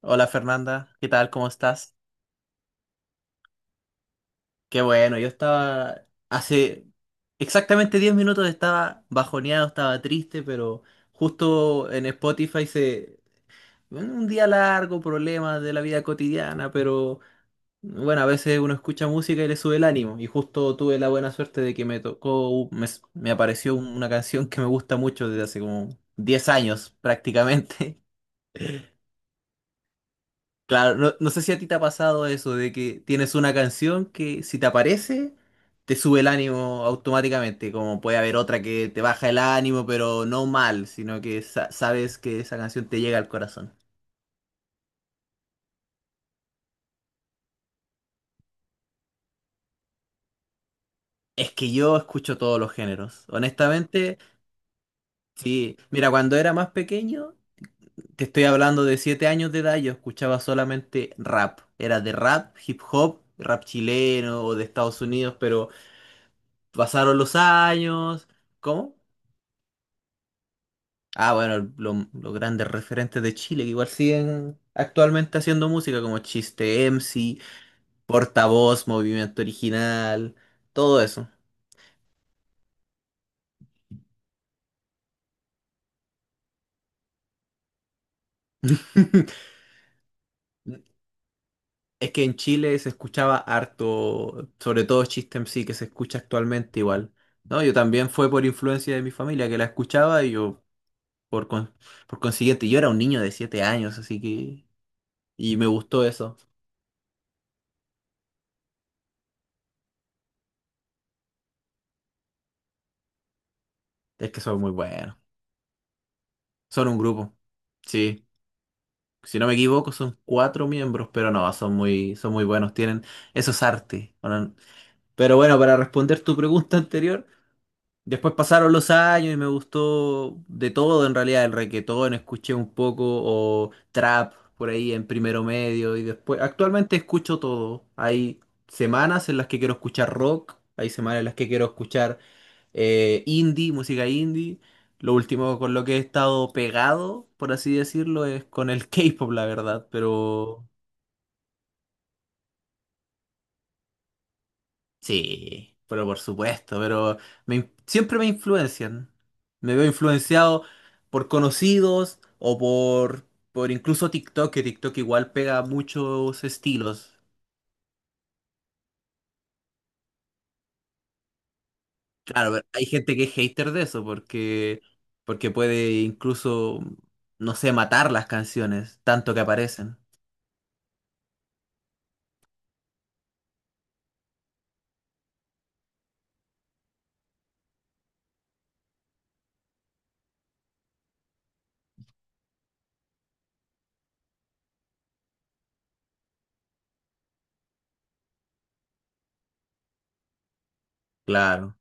Hola Fernanda, ¿qué tal? ¿Cómo estás? Qué bueno, yo estaba hace exactamente 10 minutos estaba bajoneado, estaba triste, pero justo en Spotify. Un día largo, problemas de la vida cotidiana, pero bueno, a veces uno escucha música y le sube el ánimo. Y justo tuve la buena suerte de que me tocó, me apareció una canción que me gusta mucho desde hace como 10 años prácticamente. Claro, no, no sé si a ti te ha pasado eso de que tienes una canción que si te aparece te sube el ánimo automáticamente, como puede haber otra que te baja el ánimo, pero no mal, sino que sabes que esa canción te llega al corazón. Es que yo escucho todos los géneros, honestamente, sí. Mira, cuando era más pequeño, te estoy hablando de 7 años de edad, yo escuchaba solamente rap. Era de rap, hip hop, rap chileno o de Estados Unidos, pero pasaron los años. ¿Cómo? Ah, bueno, los grandes referentes de Chile que igual siguen actualmente haciendo música como Chiste MC, Portavoz, Movimiento Original, todo eso. Es que en Chile se escuchaba harto, sobre todo Chiste MC que se escucha actualmente igual. No, yo también fue por influencia de mi familia que la escuchaba y yo por, con- por consiguiente, yo era un niño de 7 años, así que y me gustó eso. Es que son muy buenos. Son un grupo. Sí. Si no me equivoco, son cuatro miembros, pero no, son muy buenos, tienen esos artes, ¿no? Pero bueno, para responder tu pregunta anterior, después pasaron los años y me gustó de todo en realidad, el reguetón, escuché un poco, o trap por ahí en primero medio, y después, actualmente escucho todo. Hay semanas en las que quiero escuchar rock, hay semanas en las que quiero escuchar indie, música indie. Lo último con lo que he estado pegado, por así decirlo, es con el K-pop, la verdad. Pero sí, pero por supuesto, pero siempre me influencian. Me veo influenciado por conocidos o por incluso TikTok, que TikTok igual pega muchos estilos. Claro, pero hay gente que es hater de eso porque puede incluso, no sé, matar las canciones, tanto que aparecen. Claro.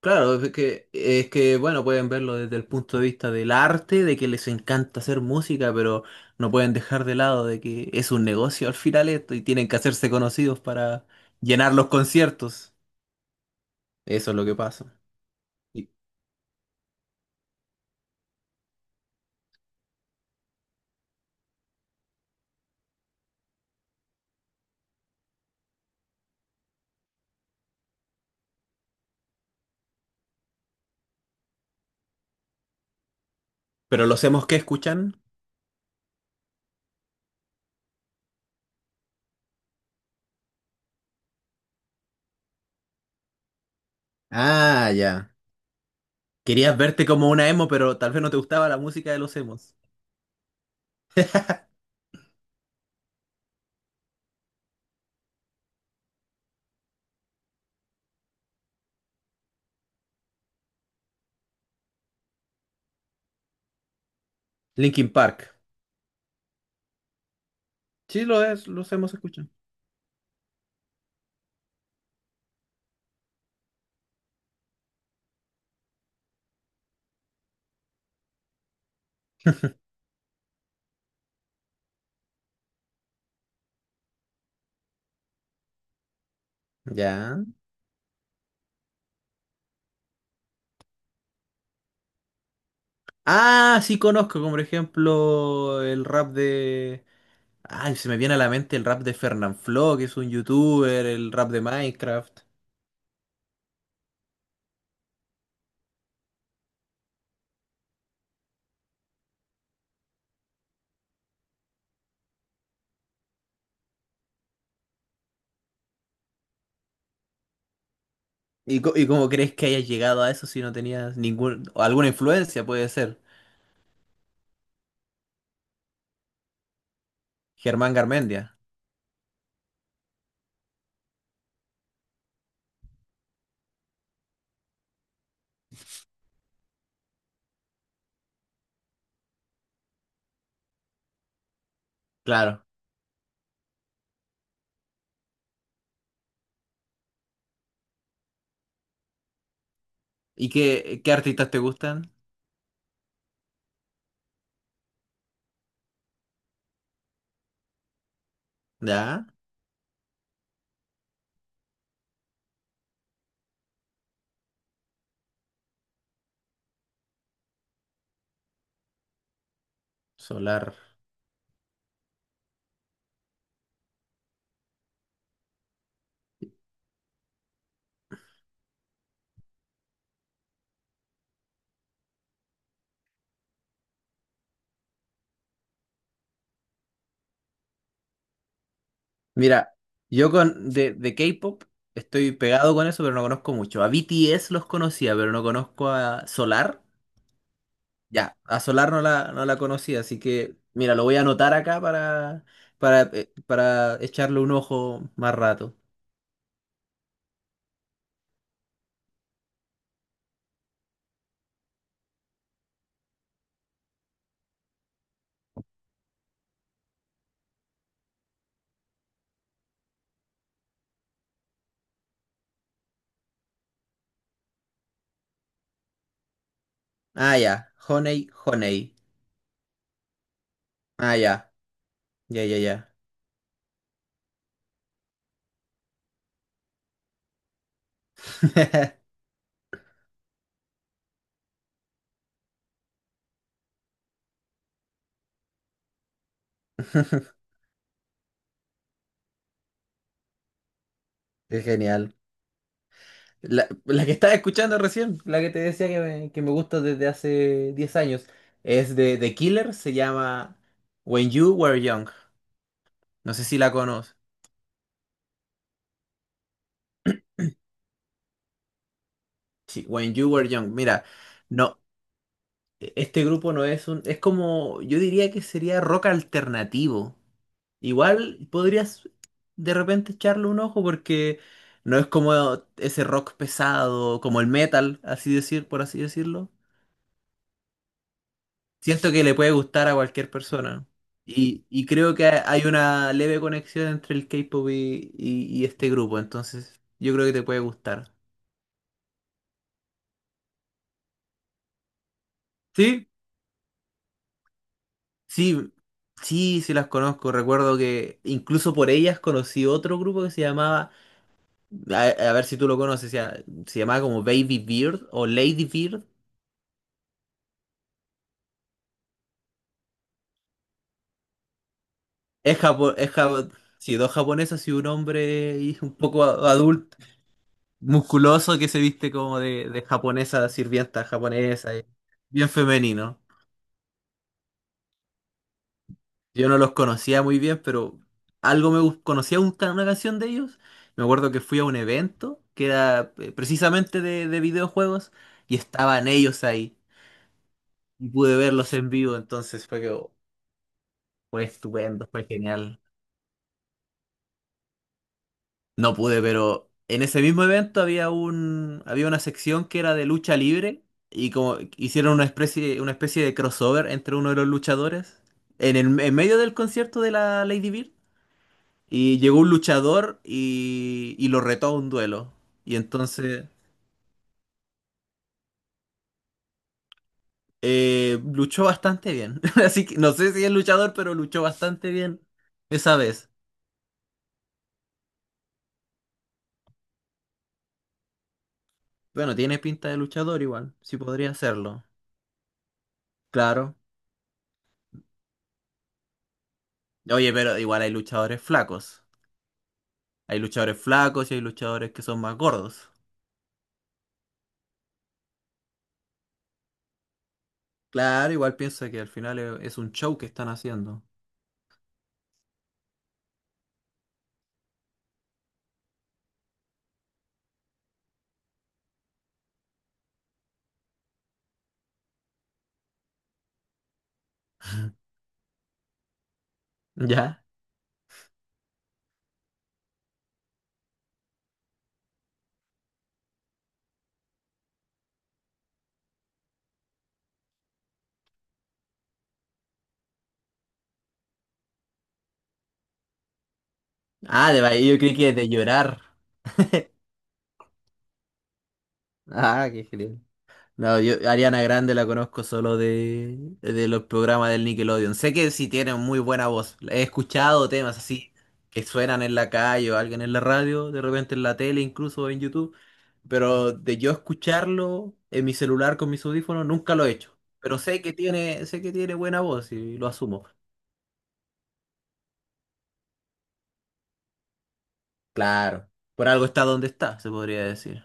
Claro, es que, bueno, pueden verlo desde el punto de vista del arte, de que les encanta hacer música, pero no pueden dejar de lado de que es un negocio al final esto y tienen que hacerse conocidos para llenar los conciertos. Eso es lo que pasa. Y- pero los emos que escuchan, ah, ya. Querías verte como una emo, pero tal vez no te gustaba la música de los emos. Linkin Park. Sí, lo es, los emos escuchan. Ya. Ah, sí conozco, como por ejemplo, el rap de ay, se me viene a la mente el rap de Fernanfloo, que es un youtuber, el rap de Minecraft. ¿Y cómo crees que hayas llegado a eso si no tenías ningún, o alguna influencia, puede ser? Germán Garmendia, claro. ¿Y qué artistas te gustan? Ya, Solar. Mira, yo con de K-pop estoy pegado con eso, pero no conozco mucho. A BTS los conocía, pero no conozco a Solar. Ya, a Solar no la conocía, así que mira, lo voy a anotar acá para echarle un ojo más rato. Ah, ya, Honey, Honey. Ah, ya, ya, ya, ya. Es genial. La que estaba escuchando recién, la que te decía que me gusta desde hace 10 años, es de The Killer, se llama When You Were Young. No sé si la conoces. Sí, When You Were Young. Mira, no. Este grupo no es como, yo diría que sería rock alternativo. Igual podrías de repente echarle un ojo porque no es como ese rock pesado, como el metal, así decir, por así decirlo. Siento que le puede gustar a cualquier persona. Y creo que hay una leve conexión entre el K-pop y este grupo, entonces yo creo que te puede gustar. Sí, sí, sí, sí las conozco. Recuerdo que incluso por ellas conocí otro grupo que se llamaba A, a ver si tú lo conoces, ya, se llamaba como Baby Beard o Lady Beard. Es japo- es japo- sí, dos japonesas y un hombre y un poco adulto, musculoso, que se viste como de japonesa, sirvienta japonesa, y bien femenino. Yo no los conocía muy bien, pero algo conocía una canción de ellos. Me acuerdo que fui a un evento que era precisamente de videojuegos y estaban ellos ahí y pude verlos en vivo, entonces oh, fue estupendo, fue genial. No pude, pero en ese mismo evento había una sección que era de lucha libre y como hicieron una especie de crossover entre uno de los luchadores en medio del concierto de la Lady Bird y llegó un luchador y lo retó a un duelo y entonces luchó bastante bien. Así que no sé si es luchador, pero luchó bastante bien esa vez. Bueno, tiene pinta de luchador igual, sí podría hacerlo. Claro. Oye, pero igual hay luchadores flacos. Hay luchadores flacos y hay luchadores que son más gordos. Claro, igual piensa que al final es un show que están haciendo. ¿Ya? Ah, de baile, yo creí que de llorar. Ah, qué genial. No, yo Ariana Grande la conozco solo de los programas del Nickelodeon. Sé que sí tiene muy buena voz. He escuchado temas así que suenan en la calle o alguien en la radio, de repente en la tele, incluso en YouTube. Pero de yo escucharlo en mi celular con mis audífonos, nunca lo he hecho. Pero sé que tiene buena voz y lo asumo. Claro, por algo está donde está, se podría decir.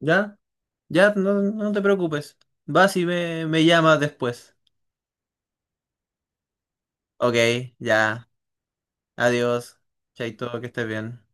¿Ya? Ya, no, no te preocupes. Vas y me llamas después. Ok, ya. Adiós. Chaito, que estés bien.